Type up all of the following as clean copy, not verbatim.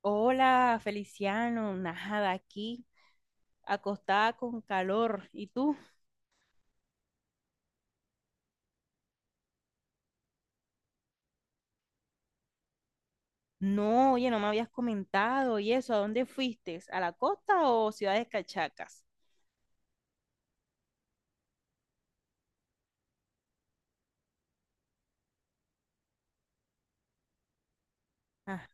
Hola, Feliciano, nada, aquí, acostada con calor. ¿Y tú? No, oye, no me habías comentado y eso, ¿a dónde fuiste? ¿A la costa o ciudades cachacas? Ah,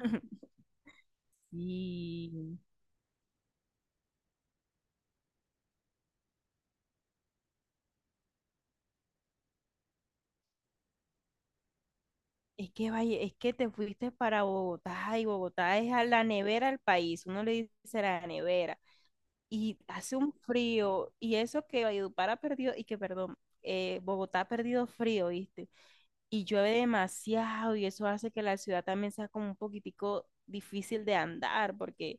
sí. Es que vaya, es que te fuiste para Bogotá y Bogotá es a la nevera del país, uno le dice la nevera. Y hace un frío, y eso que Valledupar ha perdido, y que perdón, Bogotá ha perdido frío, ¿viste? Y llueve demasiado y eso hace que la ciudad también sea como un poquitico difícil de andar porque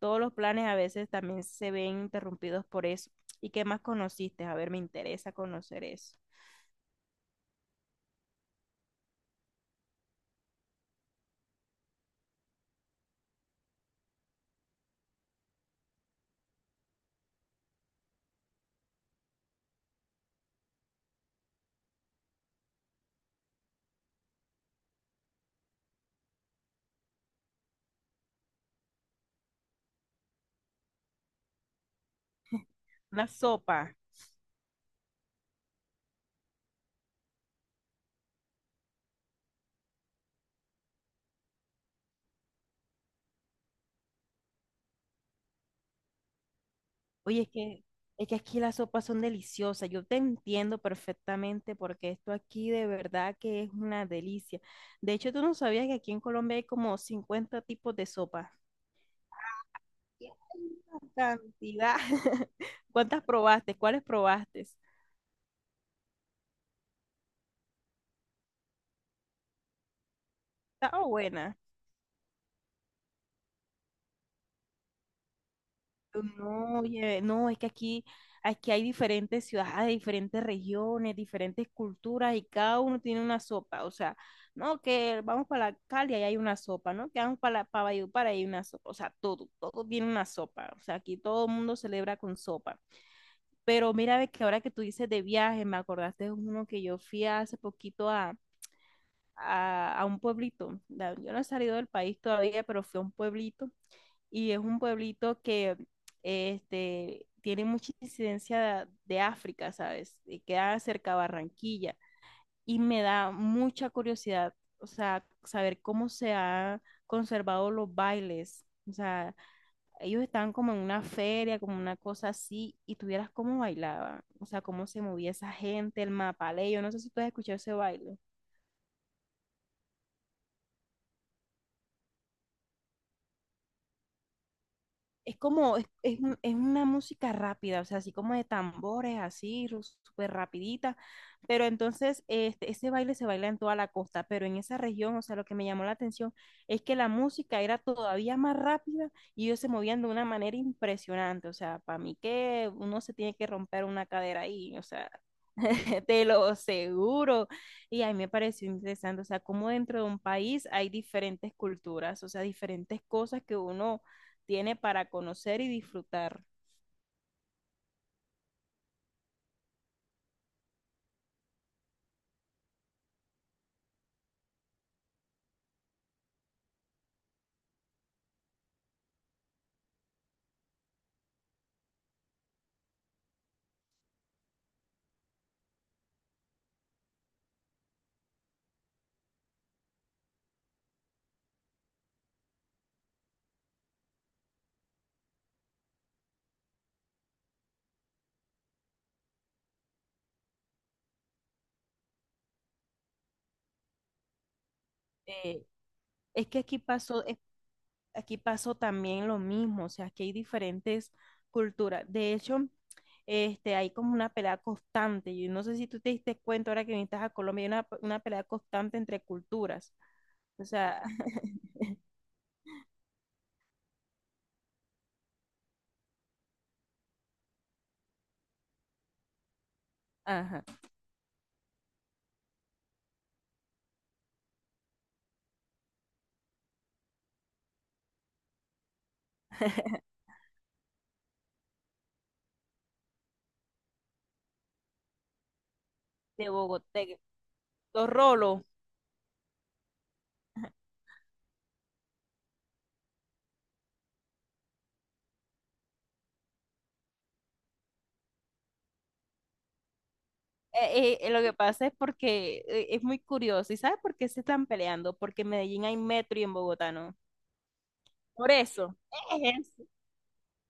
todos los planes a veces también se ven interrumpidos por eso. ¿Y qué más conociste? A ver, me interesa conocer eso. La sopa. Oye, es que aquí las sopas son deliciosas. Yo te entiendo perfectamente porque esto aquí de verdad que es una delicia. De hecho, tú no sabías que aquí en Colombia hay como 50 tipos de sopa. Y hay una cantidad. ¿Cuántas probaste? ¿Cuáles probaste? Estaba buena. No, oye, no, es que aquí hay diferentes ciudades, diferentes regiones, diferentes culturas y cada uno tiene una sopa. O sea, no, que vamos para la Cali y hay una sopa, ¿no? Que vamos para la, para Valledupar y hay una sopa. O sea, todo, todo tiene una sopa. O sea, aquí todo el mundo celebra con sopa. Pero mira, ve que ahora que tú dices de viaje, me acordaste de uno que yo fui hace poquito a un pueblito. Yo no he salido del país todavía, pero fui a un pueblito y es un pueblito que tiene mucha incidencia de África, ¿sabes? Y queda cerca de Barranquilla y me da mucha curiosidad, o sea, saber cómo se han conservado los bailes. O sea, ellos estaban como en una feria, como una cosa así, y tuvieras cómo bailaban, o sea, cómo se movía esa gente, el mapalé, yo no sé si tú has escuchado ese baile. Es como, es una música rápida, o sea, así como de tambores, así, súper rapidita, pero entonces ese baile se baila en toda la costa, pero en esa región, o sea, lo que me llamó la atención es que la música era todavía más rápida y ellos se movían de una manera impresionante, o sea, para mí que uno se tiene que romper una cadera ahí, o sea, te lo seguro. Y a mí me pareció interesante, o sea, cómo dentro de un país hay diferentes culturas, o sea, diferentes cosas que uno tiene para conocer y disfrutar. Eh, es que aquí pasó, aquí pasó también lo mismo, o sea, aquí hay diferentes culturas. De hecho, hay como una pelea constante. Yo no sé si tú te diste cuenta ahora que viniste a Colombia, hay una pelea constante entre culturas. O sea, ajá, de Bogotá, los rolos. Lo que pasa es porque es muy curioso. ¿Y sabes por qué se están peleando? Porque en Medellín hay metro y en Bogotá no. Por eso. Es eso.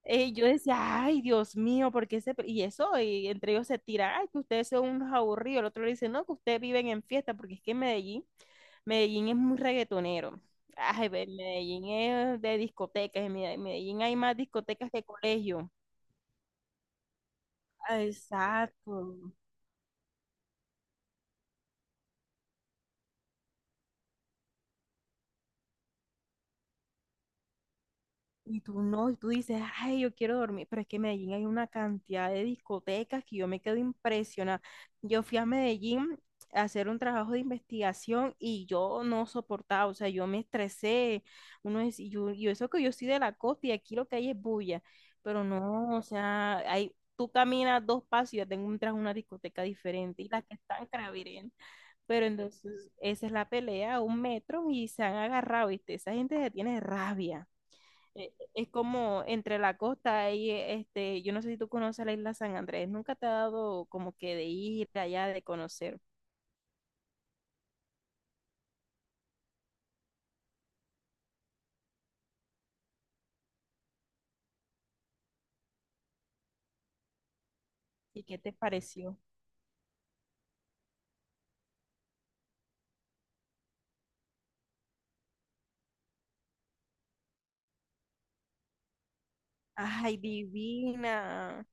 Yo decía, ay, Dios mío, ¿por qué se pe-?" Y eso, y entre ellos se tira, ay, que ustedes son unos aburridos. El otro le dice, no, que ustedes viven en fiesta, porque es que en Medellín, Medellín es muy reggaetonero. Ay, ve, Medellín es de discotecas, en Medellín hay más discotecas que colegio. Ah, exacto. Y tú no, y tú dices, ay, yo quiero dormir, pero es que en Medellín hay una cantidad de discotecas que yo me quedo impresionada. Yo fui a Medellín a hacer un trabajo de investigación y yo no soportaba, o sea, yo me estresé. Uno es, y yo, y eso que yo soy de la costa y aquí lo que hay es bulla, pero no, o sea, hay, tú caminas dos pasos y ya tengo entras una discoteca diferente y las que están craviren. Pero entonces, esa es la pelea, un metro y se han agarrado, ¿viste? Esa gente se tiene rabia es como entre la costa y yo no sé si tú conoces la isla San Andrés, nunca te ha dado como que de ir allá, de conocer. ¿Y qué te pareció? Ay, divina.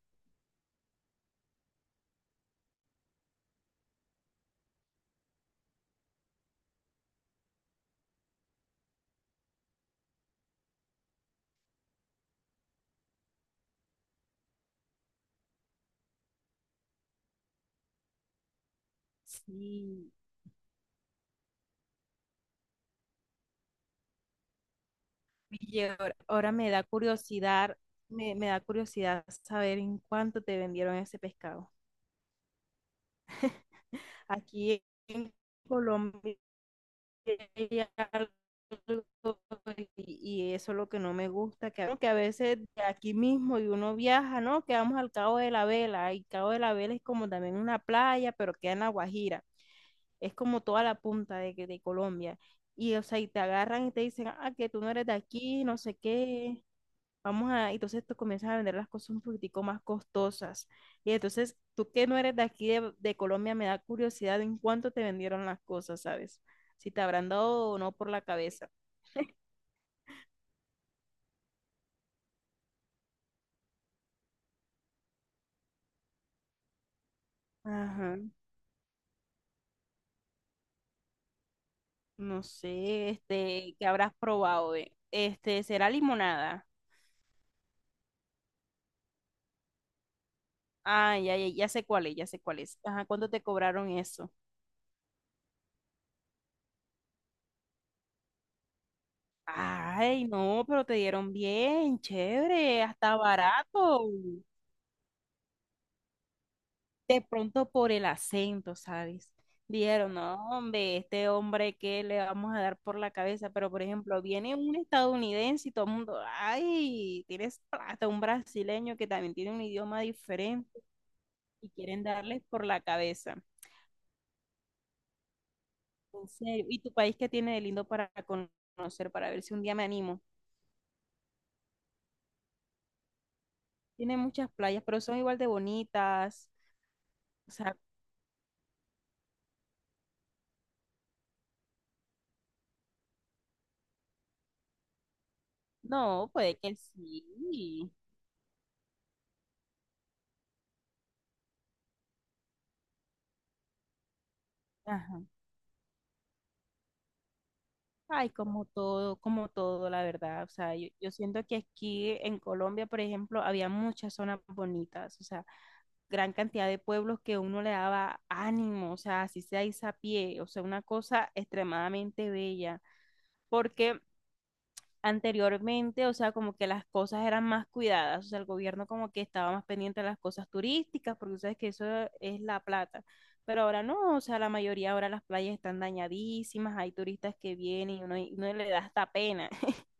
Sí, oye, ahora, me da curiosidad, me da curiosidad saber en cuánto te vendieron ese pescado. Aquí en Colombia hay algo, y eso es lo que no me gusta, que a veces de aquí mismo y uno viaja, ¿no? Que vamos al Cabo de la Vela, y Cabo de la Vela es como también una playa, pero queda en La Guajira, es como toda la punta de Colombia, y o sea, y te agarran y te dicen, ah, que tú no eres de aquí, no sé qué. Entonces tú comienzas a vender las cosas un poquitico más costosas. Y entonces, tú que no eres de aquí de Colombia, me da curiosidad en cuánto te vendieron las cosas, ¿sabes? Si te habrán dado o no por la cabeza. Ajá. No sé, ¿qué habrás probado? ¿Eh? ¿Será limonada? Ah, ya, ya, ya sé cuál es, ya sé cuál es. Ajá, ¿cuánto te cobraron eso? Ay, no, pero te dieron bien, chévere, hasta barato. De pronto por el acento, ¿sabes? Dijeron, no, hombre, este hombre que le vamos a dar por la cabeza, pero por ejemplo, viene un estadounidense y todo el mundo, ay, tienes plata, un brasileño que también tiene un idioma diferente y quieren darles por la cabeza. En serio, ¿y tu país qué tiene de lindo para conocer, para ver si un día me animo? Tiene muchas playas, pero son igual de bonitas. O sea, no, puede que sí. Ajá. Ay, como todo, la verdad. O sea, yo siento que aquí en Colombia, por ejemplo, había muchas zonas bonitas, o sea, gran cantidad de pueblos que uno le daba ánimo, o sea, así sea pie, o sea, una cosa extremadamente bella, porque anteriormente, o sea, como que las cosas eran más cuidadas, o sea, el gobierno como que estaba más pendiente de las cosas turísticas, porque sabes que eso es la plata, pero ahora no, o sea, la mayoría ahora las playas están dañadísimas, hay turistas que vienen y uno le da hasta pena.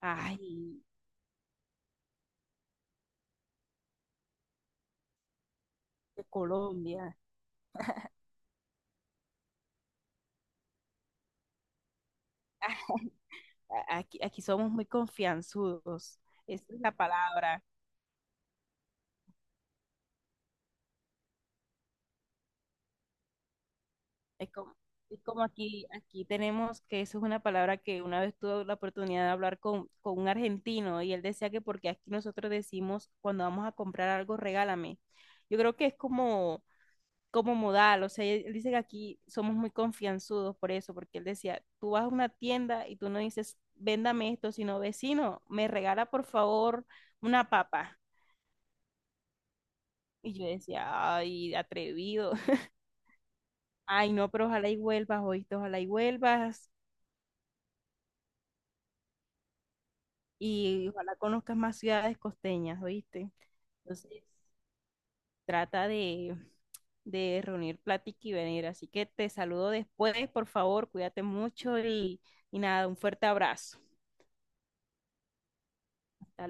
Ay, de Colombia. Ah, aquí somos muy confianzudos, esa es la palabra. Es como, es como aquí tenemos que eso es una palabra que una vez tuve la oportunidad de hablar con un argentino y él decía que porque aquí nosotros decimos cuando vamos a comprar algo, regálame. Yo creo que es como modal, o sea, él dice que aquí somos muy confianzudos por eso, porque él decía, tú vas a una tienda y tú no dices, véndame esto, sino vecino, me regala por favor una papa. Y yo decía, ay, atrevido. Ay, no, pero ojalá y vuelvas, oíste, ojalá y vuelvas. Y ojalá conozcas más ciudades costeñas, ¿oíste? Entonces, trata de, reunir plática y venir. Así que te saludo después, por favor, cuídate mucho y nada, un fuerte abrazo. Hasta